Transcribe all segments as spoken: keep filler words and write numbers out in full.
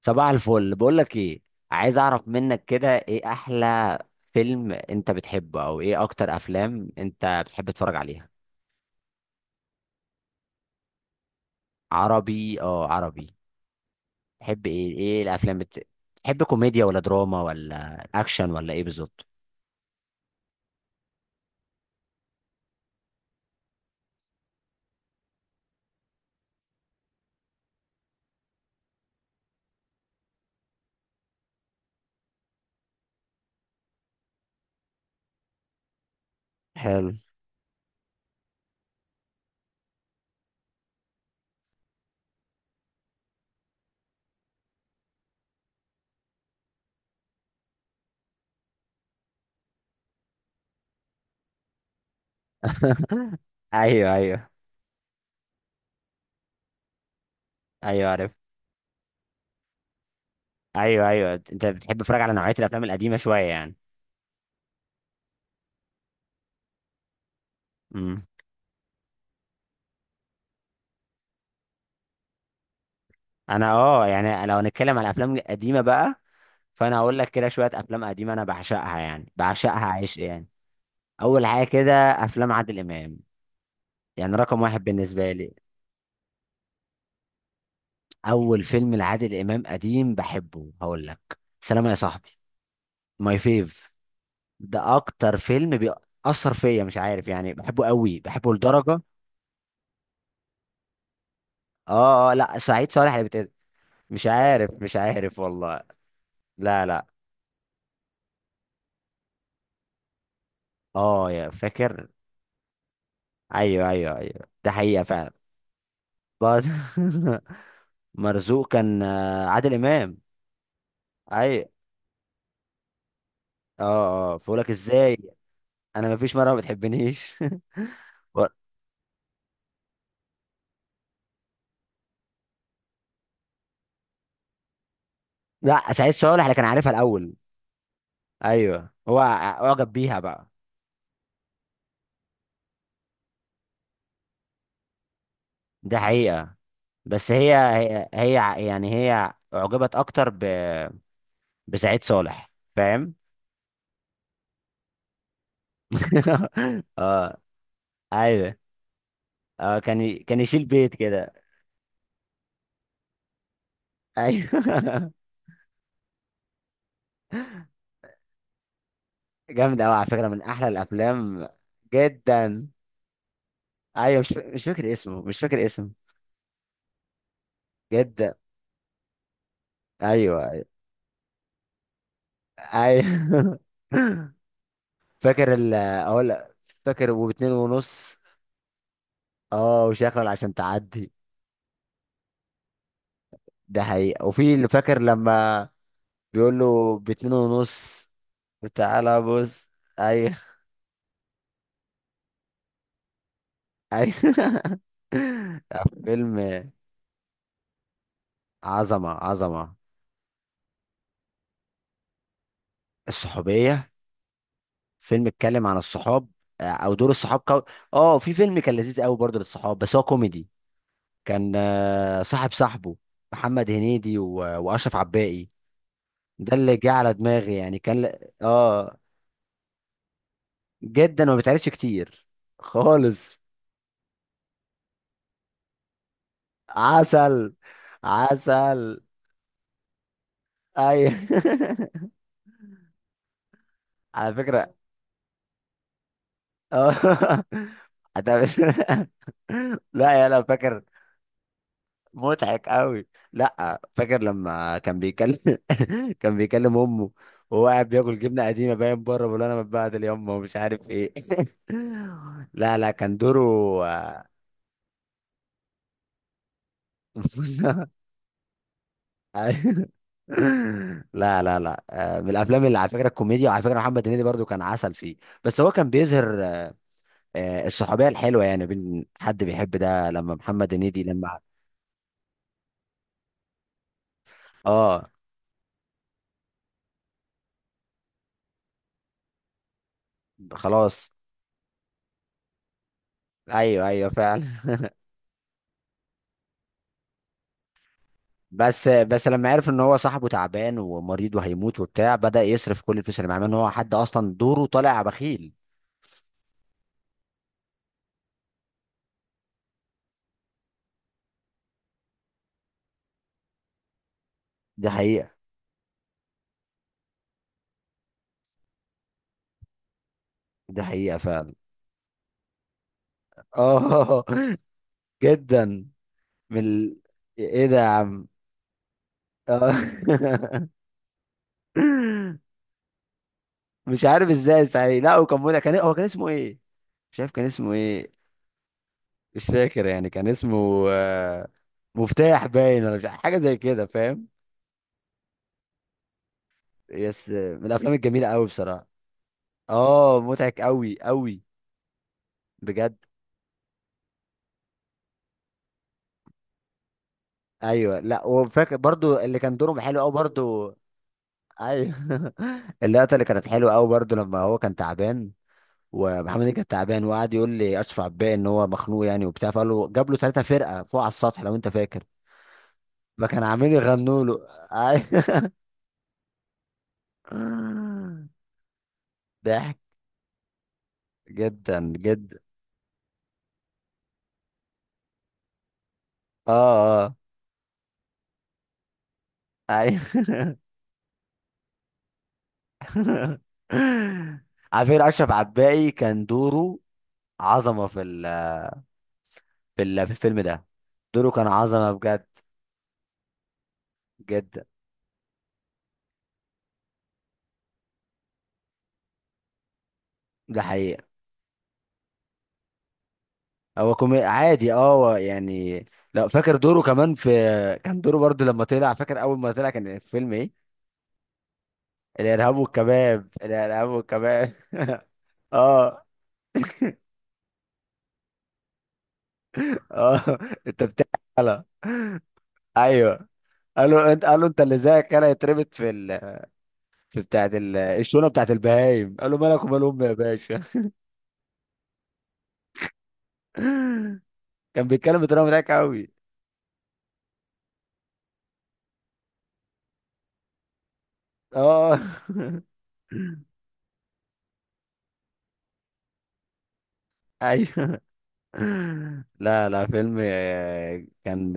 صباح الفل، بقول لك ايه. عايز اعرف منك كده ايه احلى فيلم انت بتحبه، او ايه اكتر افلام انت بتحب تتفرج عليها؟ عربي، اه عربي. تحب ايه، ايه الافلام بت... تحب كوميديا ولا دراما ولا اكشن ولا ايه بالظبط؟ حلو. ايوه ايوه، ايوه عارف. ايوه ايوه، انت بتحب تتفرج على نوعيه الافلام القديمه شويه يعني؟ امم انا اه يعني لو هنتكلم على الافلام القديمه بقى، فانا هقول لك كده شويه افلام قديمه انا بعشقها، يعني بعشقها عشق يعني. اول حاجه كده، افلام عادل امام، يعني رقم واحد بالنسبه لي. اول فيلم لعادل امام قديم بحبه هقول لك، سلامه يا صاحبي ماي فيف. ده اكتر فيلم بيأثر فيا، مش عارف يعني، بحبه قوي بحبه لدرجه. اه اه لا، سعيد صالح اللي بتقول. مش عارف مش عارف والله. لا لا. اه يا فاكر. ايوه ايوه ايوه، ده حقيقه فعلا. بس مرزوق كان آه، عادل امام. ايوه. اه اه فبقول لك ازاي، انا ما فيش مره ما بتحبنيش. و- لا، سعيد صالح اللي كان عارفها الاول. ايوه، هو ع- اعجب بيها بقى. ده حقيقه. بس هي هي, هي ع- يعني هي اعجبت اكتر ب... بسعيد صالح، فاهم. اه. ايوه. اه كان ي... كان يشيل بيت كده. ايوه. جامد قوي على فكره، من احلى الافلام. جدا. ايوه مش ف... مش فاكر اسمه مش فاكر اسمه. جدا. ايوه. ايوه. فاكر ال اقول لك، فاكر وباتنين ونص. اه، وشغل عشان تعدي. ده حقيقة. وفي اللي فاكر لما بيقول له باتنين ونص، وتعالى بص. ايوه. ايوه. فيلم. عظمة عظمة. الصحوبية. فيلم اتكلم عن الصحاب، آه، او دور الصحاب كو... اه، في فيلم كان لذيذ قوي برضه للصحاب بس هو كوميدي. كان آه، صاحب صاحبه، محمد هنيدي و... واشرف عباقي. ده اللي جه على دماغي، يعني كان ل- اه جدا، وما بيتعرفش كتير خالص. عسل. عسل. اي. على فكرة. اه. ده بس- لا يا لا فاكر. مضحك قوي. لا فاكر لما كان بيكلم. كان بيكلم امه وهو قاعد بياكل جبنه قديمه باين بره، بيقول له انا متبهدل يا امه ومش عارف ايه. لا لا، كان دوره. أيوة. لا لا لا، آه، من الافلام اللي على فكره الكوميديا، وعلى فكره محمد هنيدي برضو كان عسل فيه. بس هو كان بيظهر آه، آه، الصحوبيه الحلوه، يعني بين حد بيحب، ده لما محمد هنيدي لما. اه. خلاص. ايوه ايوه فعلا. بس بس لما عرف ان هو صاحبه تعبان ومريض وهيموت وبتاع، بدأ يصرف كل الفلوس اللي معاه، مع ان هو حد اصلا دوره طالع بخيل. دي حقيقه. دي حقيقه فعلا. اه. جدا. من ال... ايه ده يا عم. اه. مش عارف ازاي صحيح. لا هو كان مولع، كان هو كان اسمه ايه؟ مش عارف كان اسمه ايه، مش فاكر يعني كان اسمه آه، مفتاح باين ولا مش عارف، حاجه زي كده، فاهم. يس، من الافلام الجميله قوي بصراحه. اه مضحك قوي قوي، بجد. ايوه، لا وفاكر برضو اللي كان دورهم حلو قوي برضو. ايوه. اللقطه اللي كانت حلوه قوي برضو لما هو كان تعبان، ومحمد هنيدي كان تعبان، وقعد يقول لي اشرف عباية ان هو مخنوق يعني وبتاع، فقال له جاب له ثلاثه فرقه فوق على السطح لو انت فاكر، ما كان عامل يغنوا له. ضحك جدا جدا. اه اه. ايوه. على فكره اشرف عباقي كان دوره عظمه في ال في ال في الفيلم ده، دوره كان عظمه بجد. جدا. ده حقيقه. هو كومي عادي، اه هو يعني لو فاكر دوره كمان في، كان دوره برضه لما طلع. فاكر اول ما طلع كان الفيلم ايه؟ الارهاب والكباب، الارهاب والكباب. اه اه. انت بتعمل. ايوه، قالوا انت، قالوا انت اللي زيك كده يتربط في ال... في بتاعه ال... الشونه بتاعه البهايم، قالوا مالك ومال امي يا باشا. كان بيتكلم بطريقه مضحكه قوي. اه. ايوه. لا لا، فيلم آه، كان.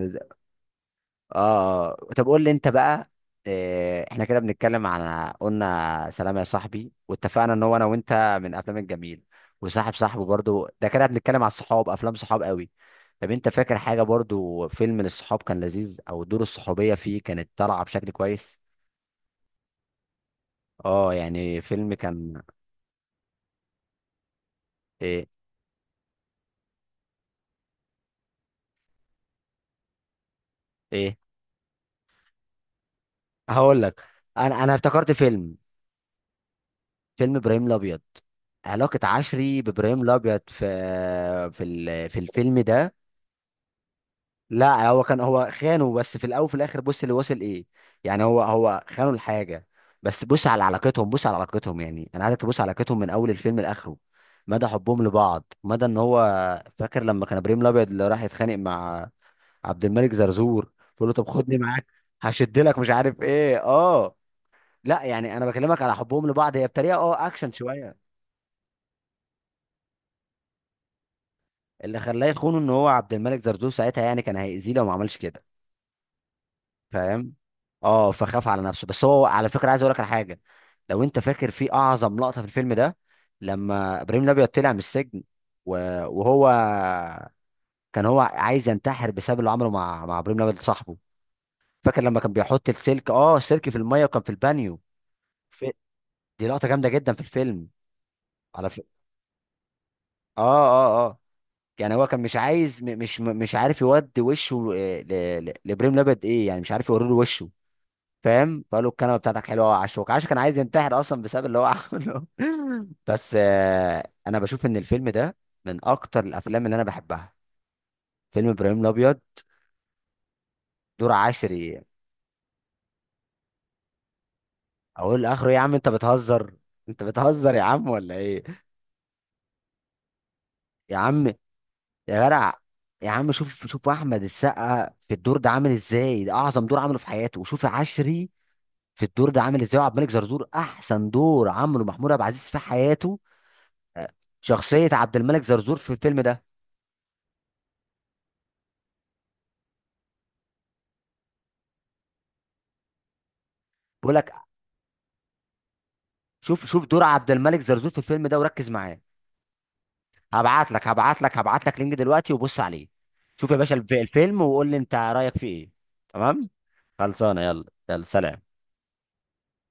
اه، طب قول لي انت بقى. آه، احنا كده بنتكلم عن، قلنا سلام يا صاحبي، واتفقنا ان هو انا وانت من افلام الجميل. وصاحب صاحبه برضو ده كده، بنتكلم على الصحاب، افلام صحاب قوي. طب انت فاكر حاجة برضو فيلم للصحاب كان لذيذ، او دور الصحوبية فيه كانت طالعة بشكل كويس؟ اه يعني فيلم كان ايه ايه؟ هقول لك، انا انا افتكرت فيلم، فيلم ابراهيم الابيض. علاقة عشري بابراهيم الابيض في، في ال- في الفيلم ده. لا هو كان هو خانه بس في الاول، وفي الاخر بص اللي وصل ايه، يعني هو هو خانه الحاجه، بس بص على علاقتهم، بص على علاقتهم، يعني انا عايزك تبص على علاقتهم من اول الفيلم لاخره، مدى حبهم لبعض، مدى ان هو. فاكر لما كان ابراهيم الابيض اللي راح يتخانق مع عبد الملك زرزور، بيقول له طب خدني معاك، هشد لك مش عارف ايه اه. لا يعني انا بكلمك على حبهم لبعض، هي بطريقه اه اكشن شويه. اللي خلاه يخونه ان هو عبد الملك زرزور ساعتها يعني كان هيأذيه لو ما عملش كده، فاهم. اه فخاف على نفسه، بس هو على فكره عايز اقول لك على حاجه، لو انت فاكر، في اعظم لقطه في الفيلم ده، لما ابراهيم الابيض طلع من السجن، و- وهو كان هو عايز ينتحر بسبب اللي عمله مع مع ابراهيم الابيض صاحبه. فاكر لما كان بيحط السلك اه السلك في الميه، وكان في البانيو في... دي لقطه جامده جدا في الفيلم. على ف... اه اه اه يعني هو كان مش عايز م- مش مش عارف يودي وشه آه، ل- ل- لابراهيم الابيض ايه، يعني مش عارف يوري له وشه، فاهم. فقال له الكلمه بتاعتك حلوه قوي يا عشوك، عاشو كان عايز ينتحر اصلا بسبب اللي هو عمله. بس آه، انا بشوف ان الفيلم ده من اكتر الافلام اللي انا بحبها، فيلم ابراهيم الابيض، دور عشري. اقول لاخره يا عم، انت بتهزر، انت بتهزر يا عم ولا ايه؟ يا عم، يا جدع، يا عم شوف، شوف احمد السقا في الدور ده عامل ازاي، ده اعظم دور عمله في حياته. وشوف عشري في الدور ده عامل ازاي. وعبد الملك زرزور احسن دور عمله محمود عبد العزيز في حياته، آه، شخصيه عبد الملك زرزور في الفيلم ده. بقول لك، شوف، شوف دور عبد الملك زرزور في الفيلم ده وركز معاه. هبعت لك هبعت لك هبعت لك لينك دلوقتي وبص عليه، شوف يا باشا الف- الفيلم، وقول لي انت رايك فيه ايه. تمام، خلصانه، يلا يلا سلام.